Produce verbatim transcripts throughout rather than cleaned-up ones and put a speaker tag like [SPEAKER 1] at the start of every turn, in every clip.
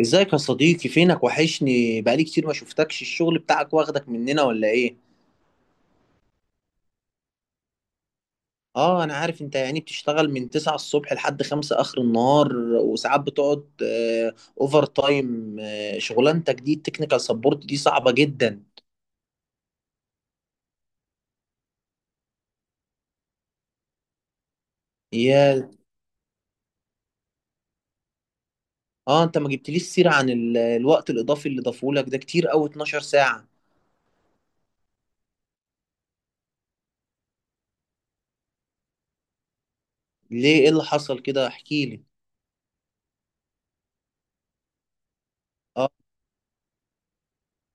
[SPEAKER 1] ازيك يا صديقي؟ فينك؟ وحشني، بقالي كتير ما شفتكش. الشغل بتاعك واخدك مننا ولا ايه؟ اه، انا عارف، انت يعني بتشتغل من تسعة الصبح لحد خمسة اخر النهار، وساعات بتقعد آه اوفر تايم. آه شغلانتك دي، التكنيكال سبورت دي صعبة جدا. يا. اه، انت ما جبتليش سيرة عن ال- الوقت الاضافي اللي ضافولك ده، كتير قوي اتناشر ساعة. ليه؟ ايه اللي حصل كده؟ احكي لي. اه.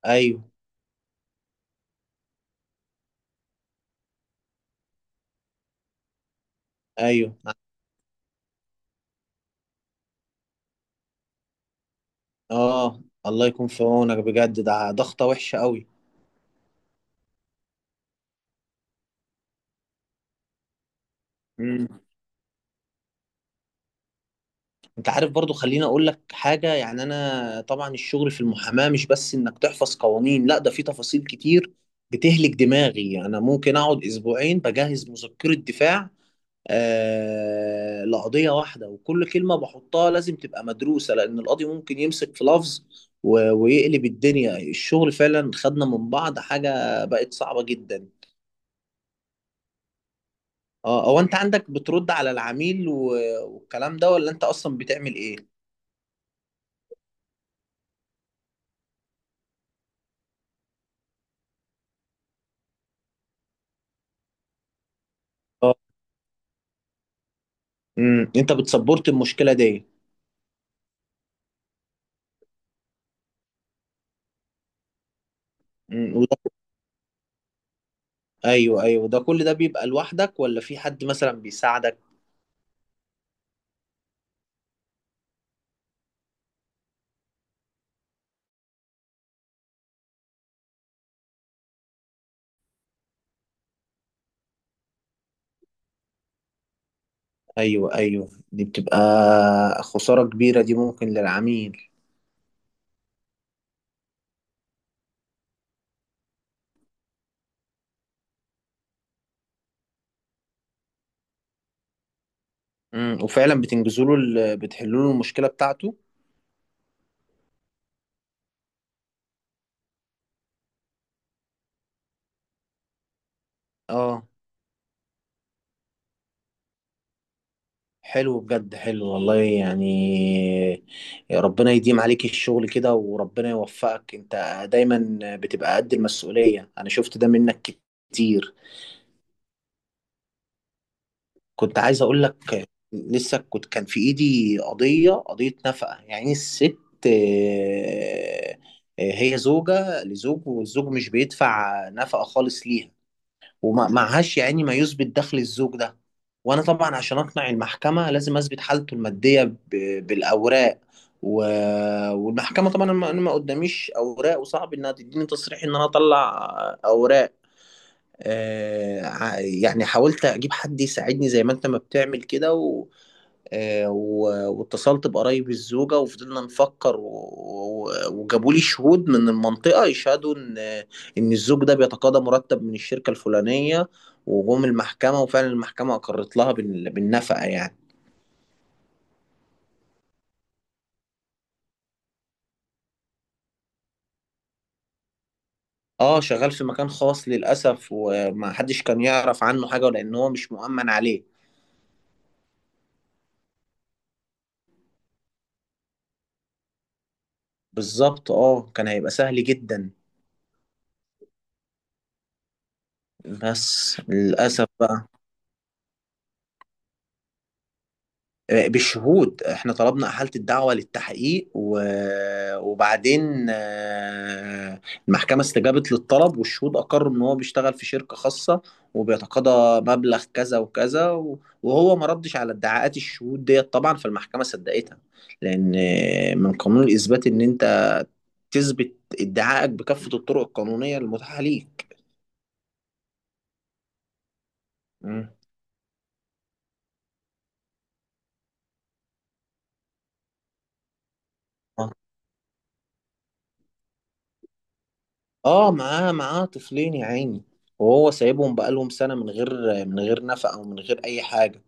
[SPEAKER 1] ايوه ايوه. اه، الله يكون في عونك، بجد ده ضغطة وحشة. قوي. انت عارف برضو، خليني اقول لك حاجة، يعني انا طبعا الشغل في المحاماة مش بس انك تحفظ قوانين، لا ده في تفاصيل كتير بتهلك دماغي. انا ممكن اقعد اسبوعين بجهز مذكرة دفاع آه لقضية واحدة، وكل كلمة بحطها لازم تبقى مدروسة لان القاضي ممكن يمسك في لفظ و- ويقلب الدنيا. الشغل فعلا خدنا من بعض، حاجة بقت صعبة جدا. اه، هو انت عندك بترد على العميل و- والكلام ده، ولا انت اصلا بتعمل ايه؟ امم انت بتسبورت المشكله دي؟ امم وده. ايوه ايوه، ده كل ده بيبقى لوحدك ولا في حد مثلا بيساعدك؟ ايوه ايوه، دي بتبقى خساره كبيره دي ممكن للعميل. امم وفعلا بتنجزوا له ال- بتحلوا له المشكله بتاعته؟ اه، حلو بجد، حلو والله يعني. يا ربنا يديم عليك الشغل كده، وربنا يوفقك. انت دايما بتبقى قد المسؤوليه، انا شفت ده منك كتير. كنت عايز اقول لك، لسه كنت كان في ايدي قضيه قضيه نفقه يعني. الست آه، آه، هي زوجه لزوج، والزوج مش بيدفع نفقه خالص ليها، ومعهاش يعني ما يثبت دخل الزوج ده. وانا طبعا عشان اقنع المحكمه لازم اثبت حالته الماديه ب- بالاوراق. و... والمحكمه طبعا، انا ما أنا ما قداميش اوراق، وصعب انها تديني تصريح ان انا اطلع اوراق. آه، ع- يعني حاولت اجيب حد يساعدني زي ما انت ما بتعمل كده، و... آه، و... واتصلت بقرايب الزوجة وفضلنا نفكر. و... و... وجابوا لي شهود من المنطقة يشهدوا ان ان الزوج ده بيتقاضى مرتب من الشركة الفلانية. وجم المحكمة، وفعلا المحكمة اقرت لها بال... بالنفقة يعني. اه، شغال في مكان خاص للأسف، وما حدش كان يعرف عنه حاجة لأن هو مش مؤمن عليه. بالظبط، اه كان هيبقى سهل جدا، بس للأسف بقى. آه، بالشهود، احنا طلبنا احاله الدعوه للتحقيق و- وبعدين، آه، المحكمه استجابت للطلب، والشهود اقروا ان هو بيشتغل في شركه خاصه وبيتقاضى مبلغ كذا وكذا، و- وهو ما ردش على ادعاءات الشهود ديت طبعا، فالمحكمه صدقتها. لان آه، من قانون الاثبات ان انت تثبت ادعائك بكافه الطرق القانونيه المتاحه ليك. مم. اه، معاه معاه طفلين يا عيني، وهو سايبهم بقالهم سنة من غير من غير نفقة، او من غير اي حاجة.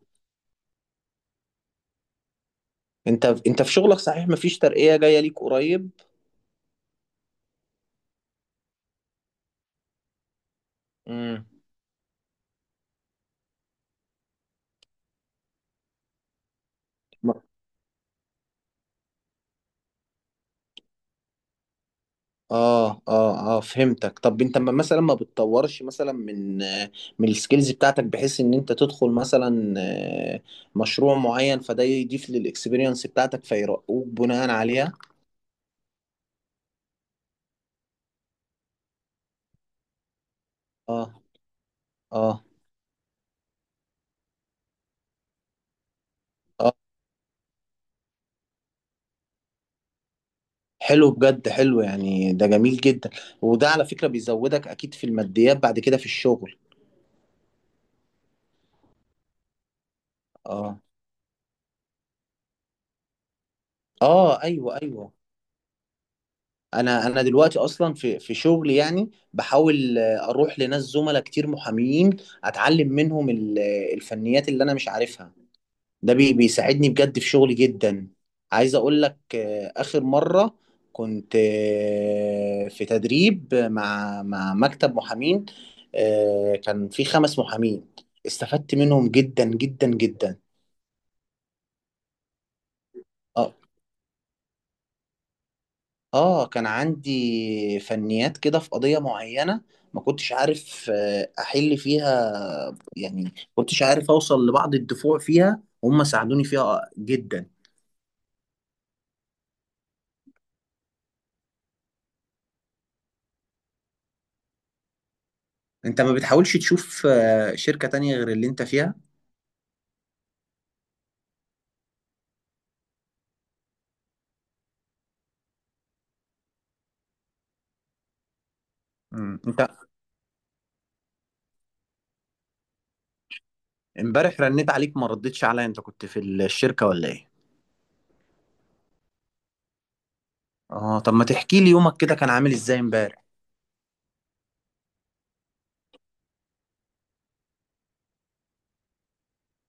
[SPEAKER 1] انت انت في شغلك، صحيح مفيش ترقية جاية ليك قريب؟ امم م- اه اه اه، فهمتك. طب انت ما- مثلا ما بتطورش مثلا من آه، من السكيلز بتاعتك، بحيث ان انت تدخل مثلا آه، مشروع معين، فده يضيف للاكسبيرينس بتاعتك فيرقوك بناء عليها؟ اه اه. آه. حلو بجد حلو، يعني ده جميل جدا. وده على فكرة بيزودك اكيد في الماديات بعد كده في الشغل. اه اه. ايوه ايوه، انا انا دلوقتي اصلا في في شغلي، يعني بحاول آه، اروح لناس زملاء كتير محامين اتعلم منهم ال- الفنيات اللي انا مش عارفها. ده بي بيساعدني بجد في شغلي جدا. عايز اقول لك، آه، اخر مرة كنت آه، في تدريب مع مع مكتب محامين. آه، كان في خمس محامين استفدت منهم جدا جدا جدا. اه اه، كان عندي فنيات كده في قضية معينة ما كنتش عارف آه، احل فيها، يعني ما كنتش عارف اوصل لبعض الدفوع فيها. هم ساعدوني فيها جدا. انت ما بتحاولش تشوف آه، شركة تانية غير اللي انت فيها؟ مم. انت امبارح رنيت عليك ما ردتش عليا، انت كنت في الشركة ولا ايه؟ اه، طب ما تحكي لي يومك كده كان عامل ازاي امبارح؟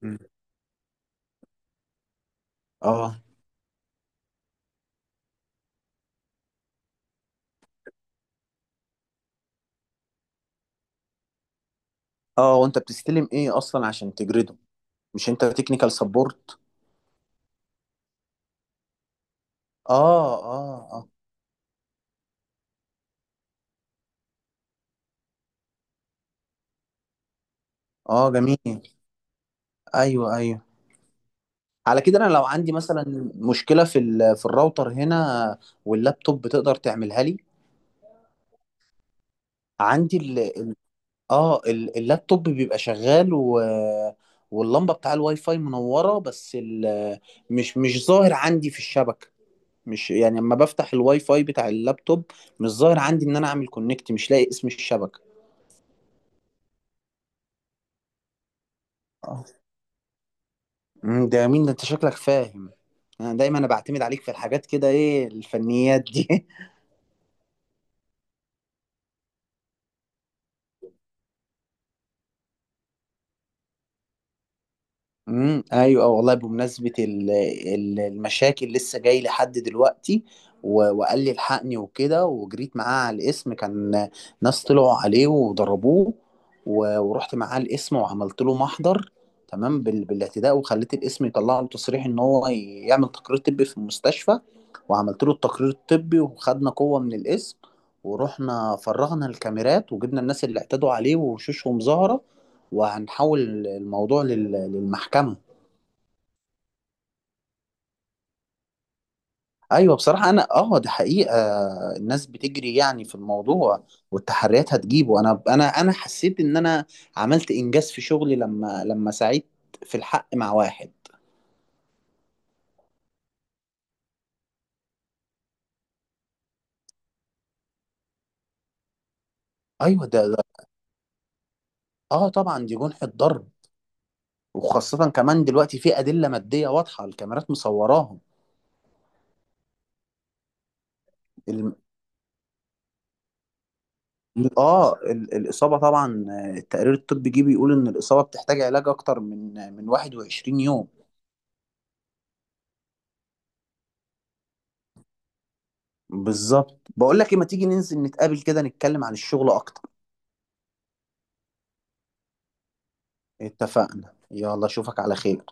[SPEAKER 1] مم. اه اه. وانت بتستلم ايه اصلا عشان تجرده؟ مش انت تكنيكال سبورت؟ اه اه اه. اه جميل. ايوه ايوه، على كده انا لو عندي مثلا مشكلة في ال- في الراوتر هنا واللابتوب، بتقدر تعملها لي؟ عندي، اه ال- اللابتوب بيبقى شغال و... واللمبه بتاع الواي فاي منوره، بس ال... مش مش ظاهر عندي في الشبكه. مش يعني لما بفتح الواي فاي بتاع اللابتوب، مش ظاهر عندي ان انا اعمل كونكت، مش لاقي اسم الشبكه. اه. أمم، ده يا مين، ده انت شكلك فاهم. انا دايما انا بعتمد عليك في الحاجات كده. ايه الفنيات دي؟ امم ايوه والله. بمناسبه ال- ال- المشاكل، لسه جاي لي حد دلوقتي و- وقال لي الحقني وكده، وجريت معاه على الاسم. كان ناس طلعوا عليه وضربوه، و- ورحت معاه الاسم وعملت له محضر تمام بال- بالاعتداء، وخليت الاسم يطلع له تصريح ان هو يعمل تقرير طبي في المستشفى، وعملت له التقرير الطبي وخدنا قوه من الاسم، ورحنا فرغنا الكاميرات وجبنا الناس اللي اعتدوا عليه وشوشهم ظاهره، وهنحول الموضوع لل- للمحكمه. ايوه بصراحه، انا اه دي حقيقه، الناس بتجري يعني في الموضوع، والتحريات هتجيبه. انا انا انا حسيت ان انا عملت انجاز في شغلي لما لما ساعدت في الحق مع واحد. ايوه ده, ده، اه طبعا دي جنحة ضرب، وخاصه كمان دلوقتي في ادله ماديه واضحه، الكاميرات مصوراهم. ال... اه ال... الاصابه طبعا، آه، التقرير الطبي جه بيقول ان الاصابه بتحتاج علاج اكتر من آه، من واحد وعشرين يوم. بالظبط. بقول لك ايه، ما تيجي ننزل نتقابل كده، نتكلم عن الشغل اكتر. اتفقنا. يلا اشوفك على خير.